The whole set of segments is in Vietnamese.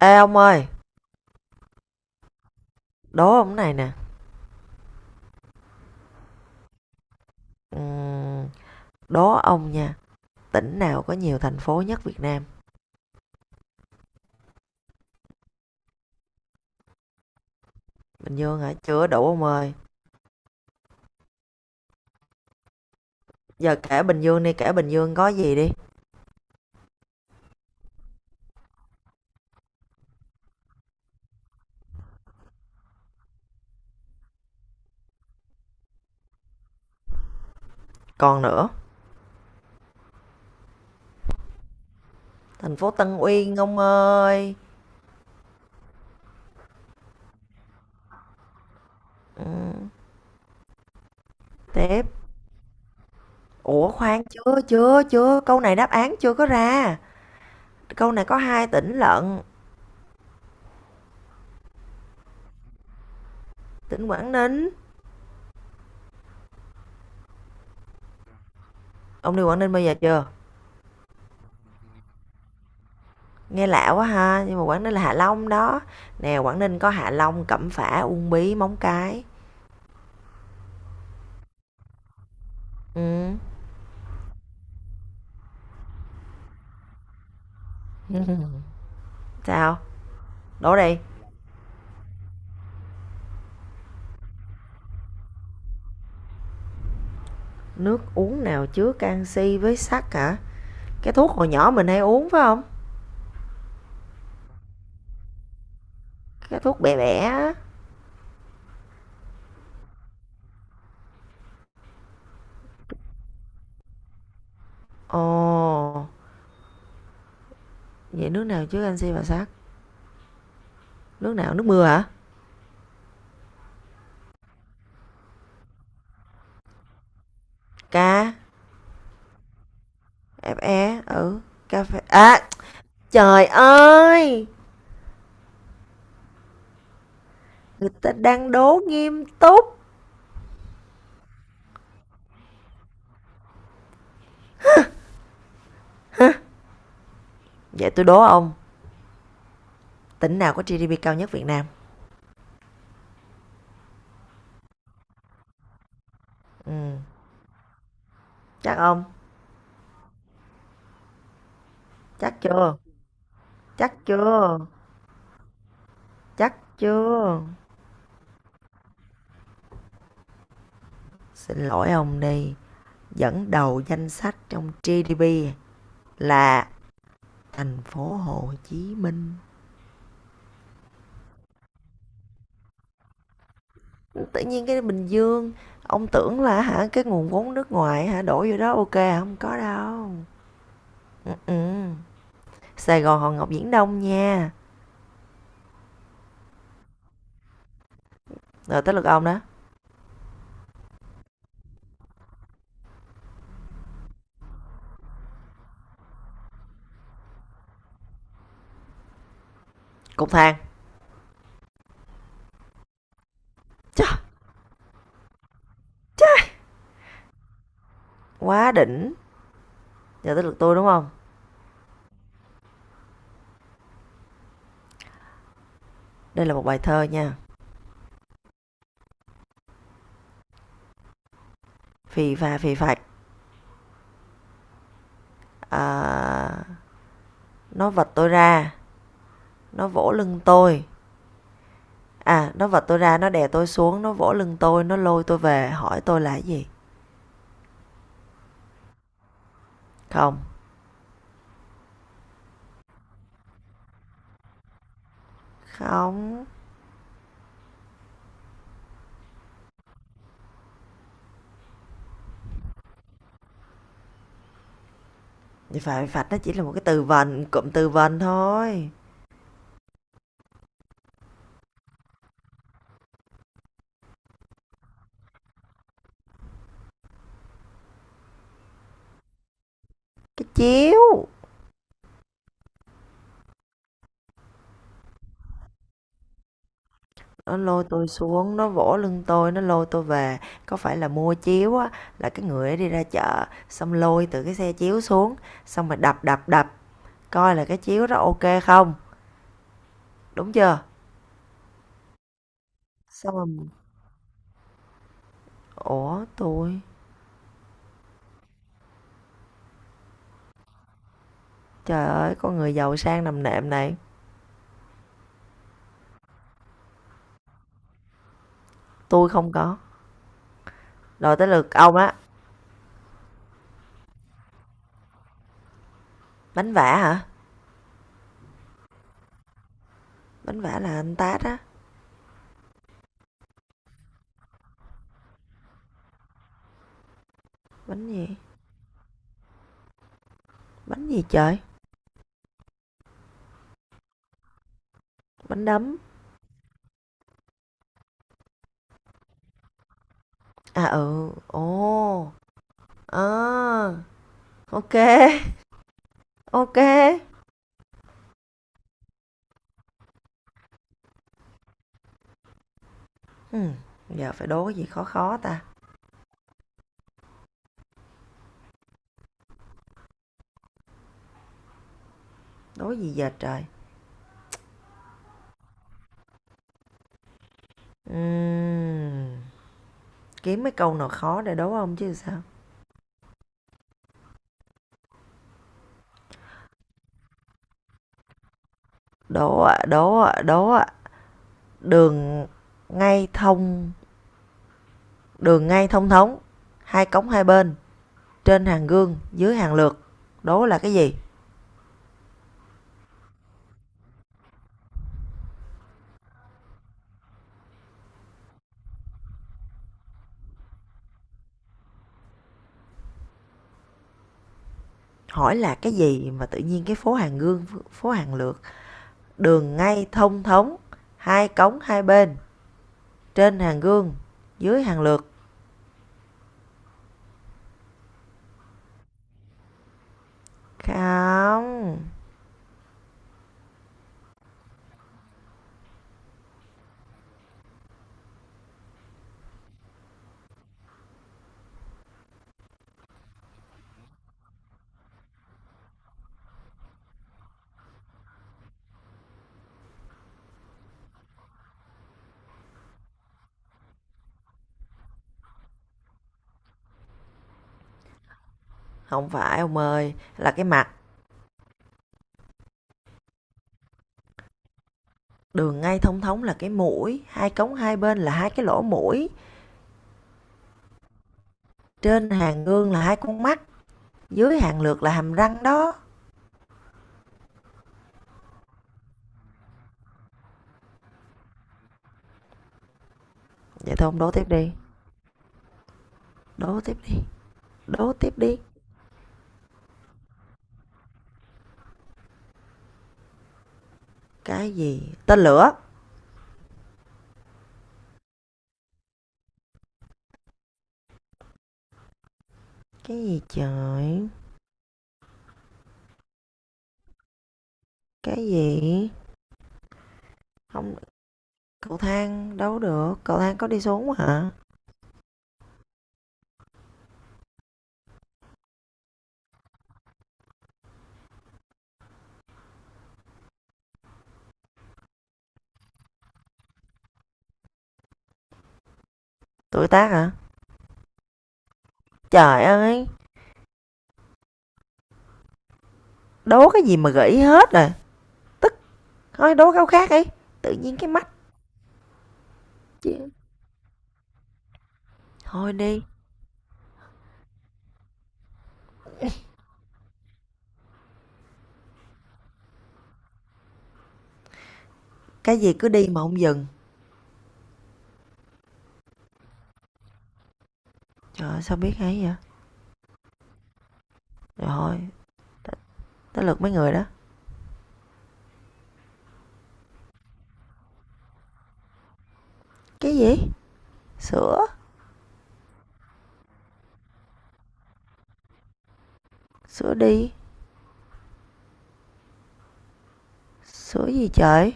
Ê ông ơi, đố ông này nè. Ừm, đố ông nha, tỉnh nào có nhiều thành phố nhất Việt Nam? Bình Dương hả? Chưa đủ ông ơi. Giờ kể Bình Dương đi, kể Bình Dương có gì đi. Còn nữa, thành phố Tân Uyên ông ơi. Ừm, tiếp. Ủa khoan, chưa, chưa, chưa. Câu này đáp án chưa có ra. Câu này có hai tỉnh lận. Tỉnh Quảng Ninh. Ông đi Quảng Ninh bao giờ chưa? Nghe lạ quá ha, nhưng mà Quảng Ninh là Hạ Long đó. Nè, Quảng Ninh có Hạ Long, Cẩm Phả, Uông Bí, Móng Cái. Ừ. Sao? Đổ đây, nước uống nào chứa canxi với sắt hả? Cái thuốc hồi nhỏ mình hay uống phải không? Cái thuốc bẻ bẻ. Ồ, vậy nước nào chứa canxi và sắt? Nước nào? Nước mưa hả? Ca, FE, ừ, cà phê. À, trời ơi, người ta đang đố nghiêm túc. Vậy tôi đố ông, tỉnh nào có GDP cao nhất Việt Nam? Ừ, chắc ông, chắc chưa? Chắc chưa? Chắc chưa? Xin lỗi ông đi, dẫn đầu danh sách trong GDP là thành phố Hồ Chí Minh. Tự nhiên cái Bình Dương ông tưởng là hả, cái nguồn vốn nước ngoài hả đổ vô đó ok hả? Không có đâu. Ừ, ừ. Sài Gòn Hòn Ngọc Viễn Đông nha, rồi tới lượt ông đó. Cục thang. Chà, quá đỉnh. Giờ tới lượt tôi đúng không, đây là một bài thơ nha. Phì phà phì phạch, à, nó vật tôi ra, nó vỗ lưng tôi. À nó vật tôi ra, nó đè tôi xuống, nó vỗ lưng tôi, nó lôi tôi về, hỏi tôi là cái gì. Không, không. Vậy phải phạt nó chỉ là một cái từ vần, cụm từ vần thôi. Cái chiếu, nó lôi tôi xuống, nó vỗ lưng tôi, nó lôi tôi về. Có phải là mua chiếu á, là cái người ấy đi ra chợ, xong lôi từ cái xe chiếu xuống, xong rồi đập đập đập, coi là cái chiếu đó ok không, đúng chưa? Xong rồi, ủa tôi, trời ơi, con người giàu sang nằm nệm này, tôi không có. Rồi tới lượt ông á, bánh vả hả? Bánh vả là anh tát á, bánh gì? Bánh gì trời? Bánh đấm. À, ừ, ồ, à, ok ok, ô. Giờ phải đố cái gì khó khó ta? Đố gì giờ trời? Ừm, kiếm mấy câu nào khó để đố ông chứ sao? Đố ạ, đố ạ, đố ạ. Đường ngay thông, đường ngay thông thống, hai cống hai bên, trên hàng gương, dưới hàng lược. Đố là cái gì? Hỏi là cái gì mà tự nhiên cái phố hàng gương, phố hàng lược, đường ngay thông thống, hai cống hai bên, trên hàng gương, dưới hàng lược. Không, không phải ông ơi, là cái mặt. Đường ngay thông thống là cái mũi, hai cống hai bên là hai cái lỗ mũi. Trên hàng gương là hai con mắt, dưới hàng lược là hàm răng đó. Vậy thôi ông đố tiếp đi, đố tiếp đi, đố tiếp đi. Cái gì? Tên lửa. Cái gì trời? Cái gì? Không, cậu thang đấu được, cậu thang có đi xuống hả? Tuổi tác hả? Trời ơi, đố cái gì mà gãy hết rồi. Thôi đố câu khác đi. Tự nhiên cái mắt chứ. Thôi đi. Cái gì cứ đi mà không dừng. Trời ơi, sao biết hay vậy? Rồi, t- tới lượt mấy người đó. Cái gì? Sữa. Sữa đi. Sữa gì trời?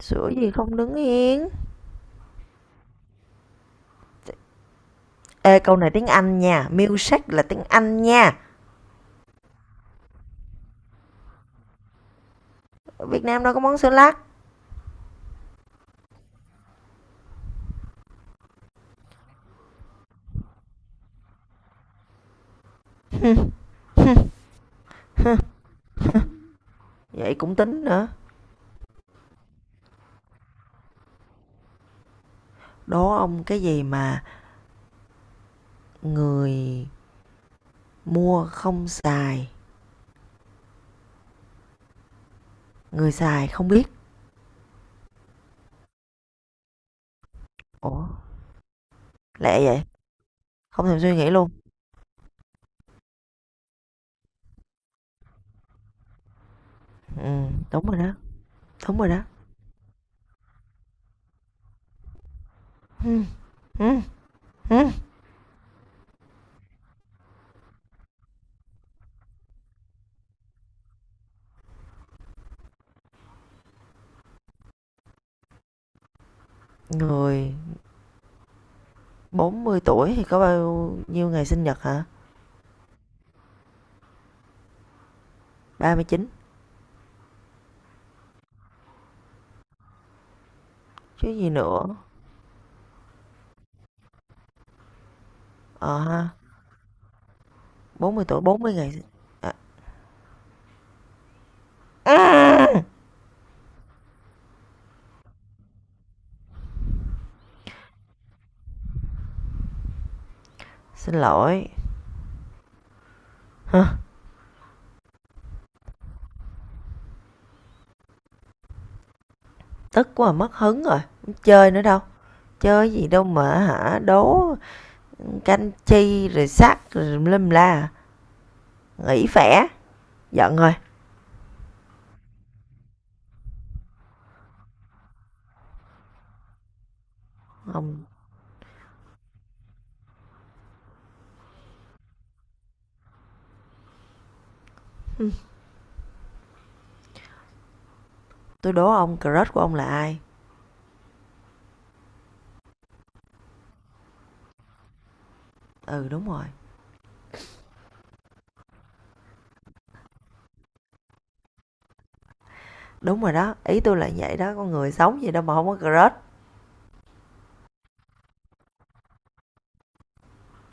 Sữa gì không đứng yên? Ê, câu này tiếng Anh nha. Milkshake là tiếng Anh nha. Ở Việt Nam đâu có món sữa lắc. Vậy cũng tính nữa. Đố ông cái gì mà người mua không xài, người xài không biết. Ủa, lẹ vậy? Không thèm suy nghĩ luôn. Ừ, đúng rồi đó. Đúng rồi đó. Ừm, ừm, ừm. Người 40 tuổi thì có bao nhiêu ngày sinh nhật hả? 39 chứ gì nữa. Ờ ha, 40 tuổi 40 ngày sinh, à, ừm, xin lỗi. Hơ, tức quá mất hứng rồi, hông chơi nữa đâu. Chơi gì đâu mà hả, đố canh chi rồi sắc rồi tùm la, nghỉ phẻ, giận rồi. Ông, tôi đố ông crush của ông là ai? Ừ, đúng rồi đó, ý tôi là vậy đó, con người sống gì đâu mà không có crush.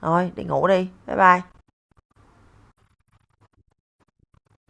Thôi đi ngủ đi, bye bye.